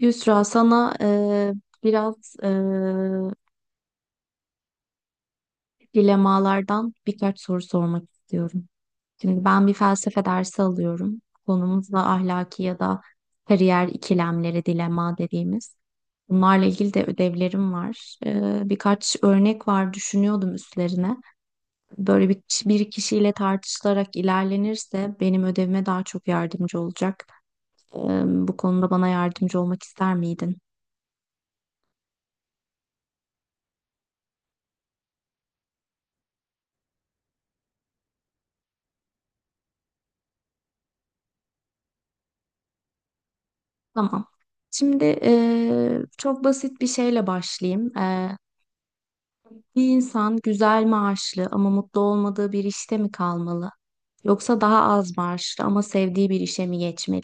Yusra, sana biraz dilemalardan birkaç soru sormak istiyorum. Şimdi ben bir felsefe dersi alıyorum. Konumuz da ahlaki ya da kariyer ikilemleri, dilema dediğimiz. Bunlarla ilgili de ödevlerim var. Birkaç örnek var, düşünüyordum üstlerine. Böyle bir kişiyle tartışılarak ilerlenirse benim ödevime daha çok yardımcı olacak. Bu konuda bana yardımcı olmak ister miydin? Tamam. Şimdi, çok basit bir şeyle başlayayım. Bir insan güzel maaşlı ama mutlu olmadığı bir işte mi kalmalı? Yoksa daha az maaşlı ama sevdiği bir işe mi geçmeli?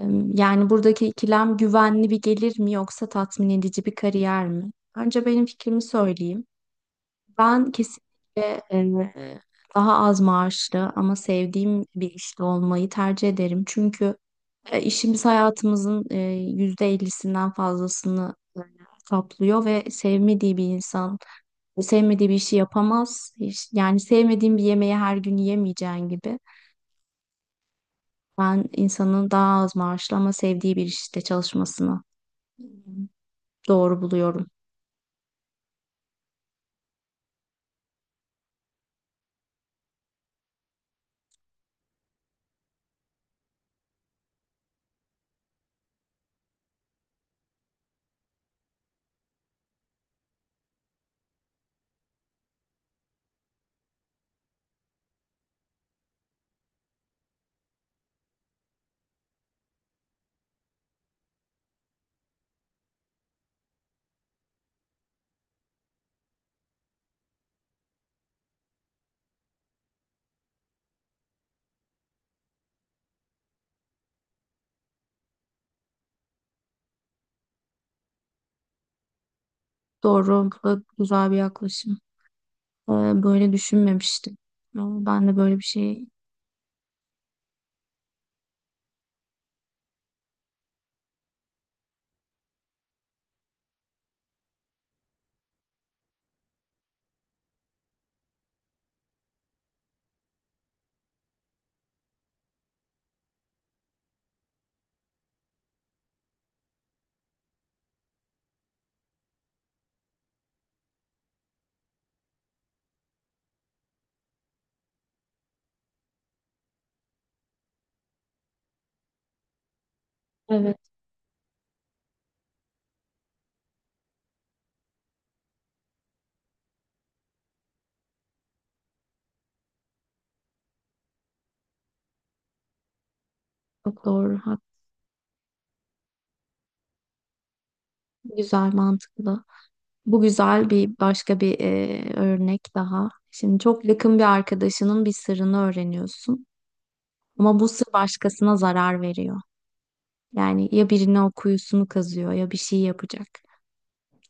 Yani buradaki ikilem güvenli bir gelir mi, yoksa tatmin edici bir kariyer mi? Önce benim fikrimi söyleyeyim. Ben kesinlikle daha az maaşlı ama sevdiğim bir işte olmayı tercih ederim. Çünkü işimiz hayatımızın %50'sinden fazlasını kaplıyor ve sevmediği bir insan sevmediği bir işi yapamaz. Yani sevmediğim bir yemeği her gün yemeyeceğin gibi. Ben insanın daha az maaşlı ama sevdiği bir işte çalışmasını doğru buluyorum. Doğru ve güzel bir yaklaşım. Ee, Böyle düşünmemiştim. Ama ben de böyle bir şey. Evet, çok doğru. Güzel, mantıklı. Bu güzel, bir başka bir örnek daha. Şimdi çok yakın bir arkadaşının bir sırrını öğreniyorsun. Ama bu sır başkasına zarar veriyor. Yani ya birine o kuyusunu kazıyor, ya bir şey yapacak.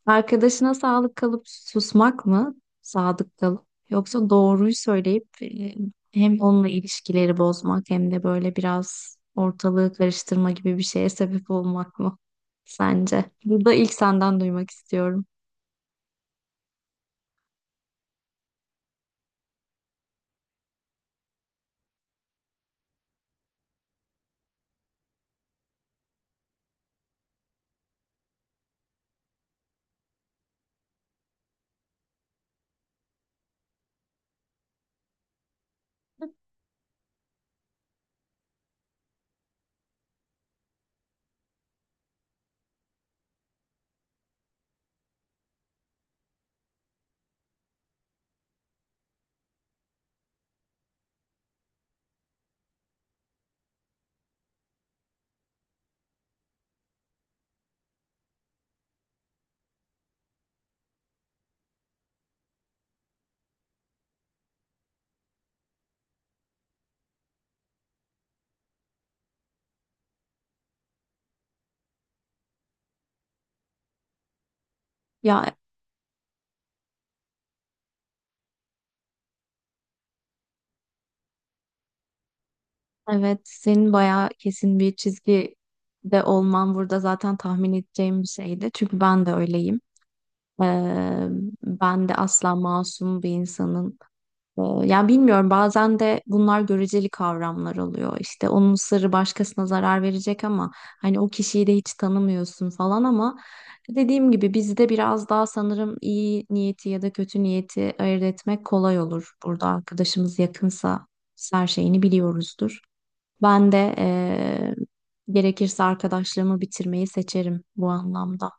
Arkadaşına sağlık kalıp susmak mı? Sadık kalıp. Yoksa doğruyu söyleyip hem onunla ilişkileri bozmak, hem de böyle biraz ortalığı karıştırma gibi bir şeye sebep olmak mı? Sence? Burada ilk senden duymak istiyorum. Ya, evet, senin bayağı kesin bir çizgi de olman burada zaten tahmin edeceğim bir şeydi. Çünkü ben de öyleyim. Ee, Ben de asla masum bir insanın. Yani bilmiyorum, bazen de bunlar göreceli kavramlar oluyor. İşte onun sırrı başkasına zarar verecek ama hani o kişiyi de hiç tanımıyorsun falan, ama dediğim gibi bizde biraz daha, sanırım, iyi niyeti ya da kötü niyeti ayırt etmek kolay olur. Burada arkadaşımız yakınsa biz her şeyini biliyoruzdur. Ben de gerekirse arkadaşlığımı bitirmeyi seçerim bu anlamda.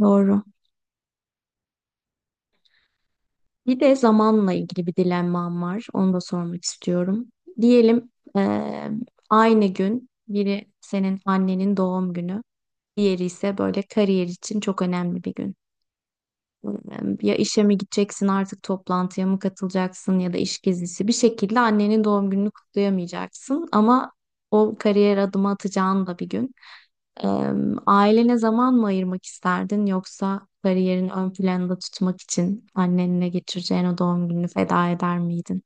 Doğru. Bir de zamanla ilgili bir dilemmam var. Onu da sormak istiyorum. Diyelim, aynı gün biri senin annenin doğum günü, diğeri ise böyle kariyer için çok önemli bir gün. Eee, Ya işe mi gideceksin artık, toplantıya mı katılacaksın ya da iş gezisi, bir şekilde annenin doğum gününü kutlayamayacaksın ama o kariyer adımı atacağın da bir gün. Eee, Ailene zaman mı ayırmak isterdin, yoksa kariyerin ön planda tutmak için annenle geçireceğin o doğum gününü feda eder miydin?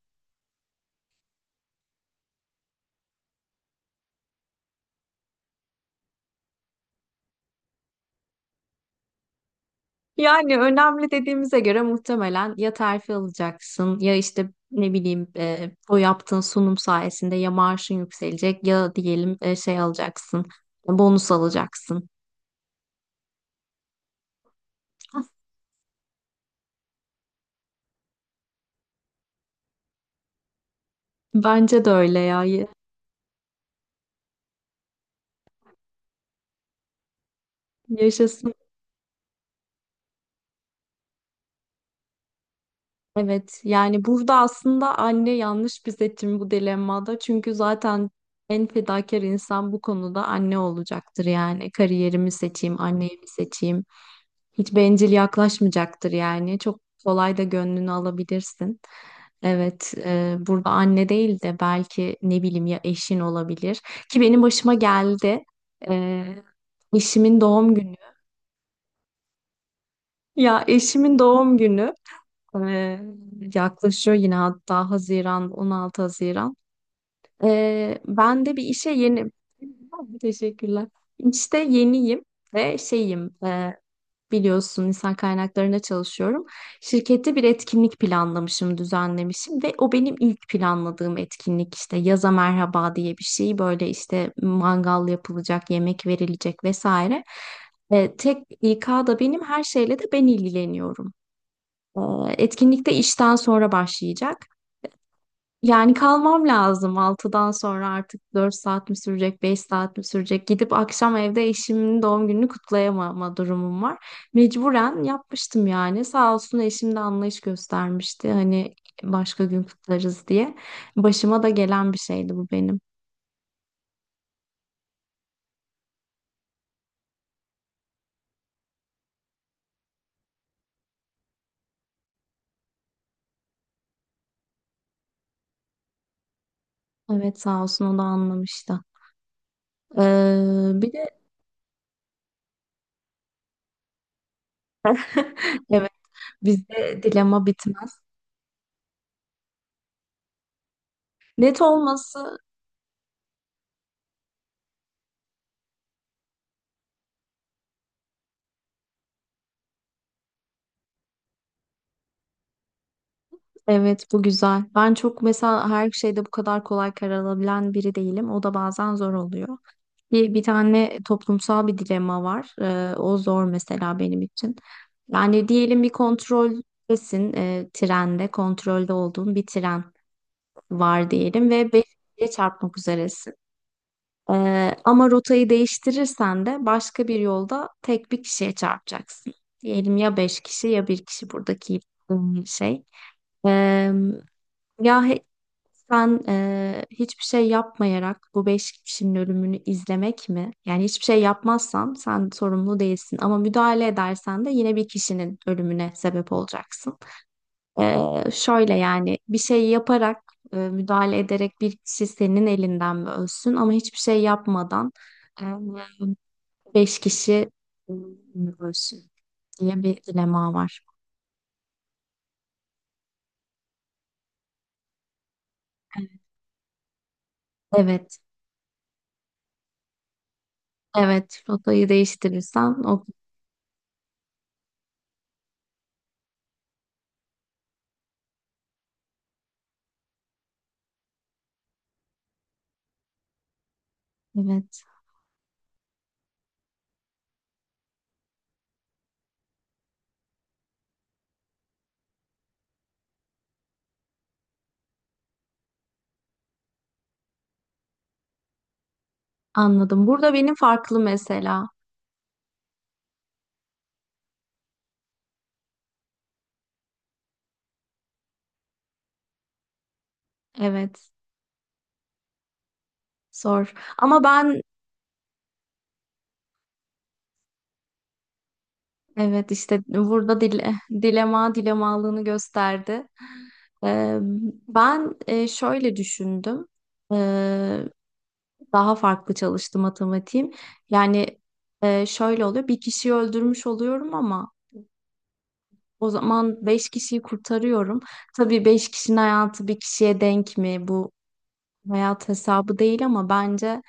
Yani önemli dediğimize göre muhtemelen ya terfi alacaksın, ya işte ne bileyim, o yaptığın sunum sayesinde ya maaşın yükselecek, ya diyelim şey alacaksın, bonus alacaksın. Bence de öyle ya. Yaşasın. Evet, yani burada aslında anne yanlış bir seçim bu dilemmada. Çünkü zaten en fedakar insan bu konuda anne olacaktır yani. Kariyerimi seçeyim, anneyi mi seçeyim? Hiç bencil yaklaşmayacaktır yani. Çok kolay da gönlünü alabilirsin. Evet, burada anne değil de belki ne bileyim, ya eşin olabilir. Ki benim başıma geldi. E, Eşimin doğum günü. Ya, eşimin doğum günü. Ee, Yaklaşıyor yine, hatta Haziran, 16 Haziran. Ben de bir işe yeni... Teşekkürler. İşte yeniyim ve şeyim, biliyorsun, insan kaynaklarında çalışıyorum. Şirkette bir etkinlik planlamışım, düzenlemişim ve o benim ilk planladığım etkinlik, işte yaza merhaba diye bir şey. Böyle işte mangal yapılacak, yemek verilecek, vesaire. Tek İK'da benim, her şeyle de ben ilgileniyorum. Ee, Etkinlik de işten sonra başlayacak. Yani kalmam lazım 6'dan sonra, artık 4 saat mi sürecek, 5 saat mi sürecek? Gidip akşam evde eşimin doğum gününü kutlayamama durumum var. Mecburen yapmıştım yani. Sağ olsun, eşim de anlayış göstermişti. Hani başka gün kutlarız diye. Başıma da gelen bir şeydi bu benim. Evet, sağ olsun, o da anlamıştı. Bir de. evet, bizde dilema bitmez. Net olması. Evet, bu güzel. Ben çok, mesela, her şeyde bu kadar kolay karar alabilen biri değilim. O da bazen zor oluyor. Bir tane toplumsal bir dilema var. O zor mesela benim için. Yani diyelim bir kontroldesin, trende, kontrolde olduğun bir tren var diyelim ve beşinciye çarpmak üzeresin. Ama rotayı değiştirirsen de başka bir yolda tek bir kişiye çarpacaksın. Diyelim, ya beş kişi ya bir kişi, buradaki şey. Ya he- Sen hiçbir şey yapmayarak bu beş kişinin ölümünü izlemek mi? Yani hiçbir şey yapmazsan sen sorumlu değilsin, ama müdahale edersen de yine bir kişinin ölümüne sebep olacaksın. Şöyle, yani bir şey yaparak, müdahale ederek bir kişi senin elinden mi ölsün, ama hiçbir şey yapmadan eee, beş kişi mi ölsün diye bir dilema var. Evet, evet. Rotayı değiştirirsen o, evet. Anladım. Burada benim farklı mesela. Evet, zor. Ama ben, evet, işte burada dilema dilemalığını gösterdi. Ee, Ben, şöyle düşündüm. Ee, Daha farklı çalıştı matematiğim. Yani, şöyle oluyor. Bir kişiyi öldürmüş oluyorum, ama o zaman beş kişiyi kurtarıyorum. Tabii beş kişinin hayatı bir kişiye denk mi? Bu hayat hesabı değil, ama bence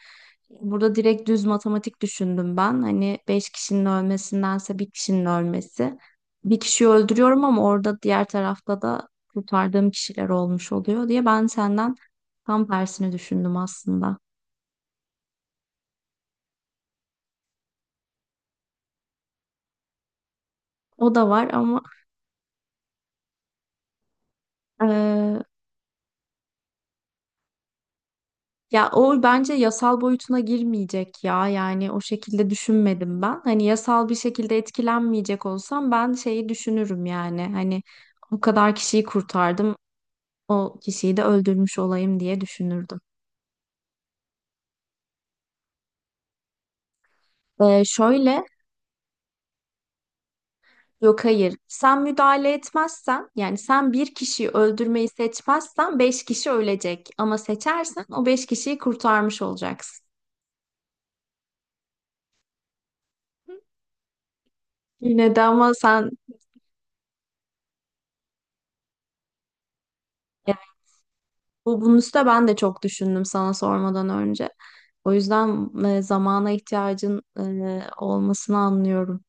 burada direkt düz matematik düşündüm ben. Hani beş kişinin ölmesindense bir kişinin ölmesi. Bir kişiyi öldürüyorum ama orada diğer tarafta da kurtardığım kişiler olmuş oluyor diye, ben senden tam tersini düşündüm aslında. O da var ama, eee, ya o bence yasal boyutuna girmeyecek ya. Yani o şekilde düşünmedim ben. Hani yasal bir şekilde etkilenmeyecek olsam ben şeyi düşünürüm yani. Hani o kadar kişiyi kurtardım. O kişiyi de öldürmüş olayım diye düşünürdüm. Şöyle, yok, hayır. Sen müdahale etmezsen, yani sen bir kişiyi öldürmeyi seçmezsen, beş kişi ölecek. Ama seçersen o beş kişiyi kurtarmış olacaksın. Yine de ama sen, evet, bu bunun üstüne ben de çok düşündüm sana sormadan önce. O yüzden, zamana ihtiyacın olmasını anlıyorum.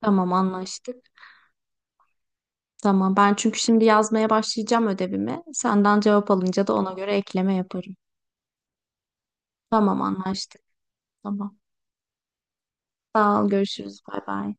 Tamam, anlaştık. Tamam, ben çünkü şimdi yazmaya başlayacağım ödevimi. Senden cevap alınca da ona göre ekleme yaparım. Tamam, anlaştık. Tamam. Sağ ol. Görüşürüz. Bay bay.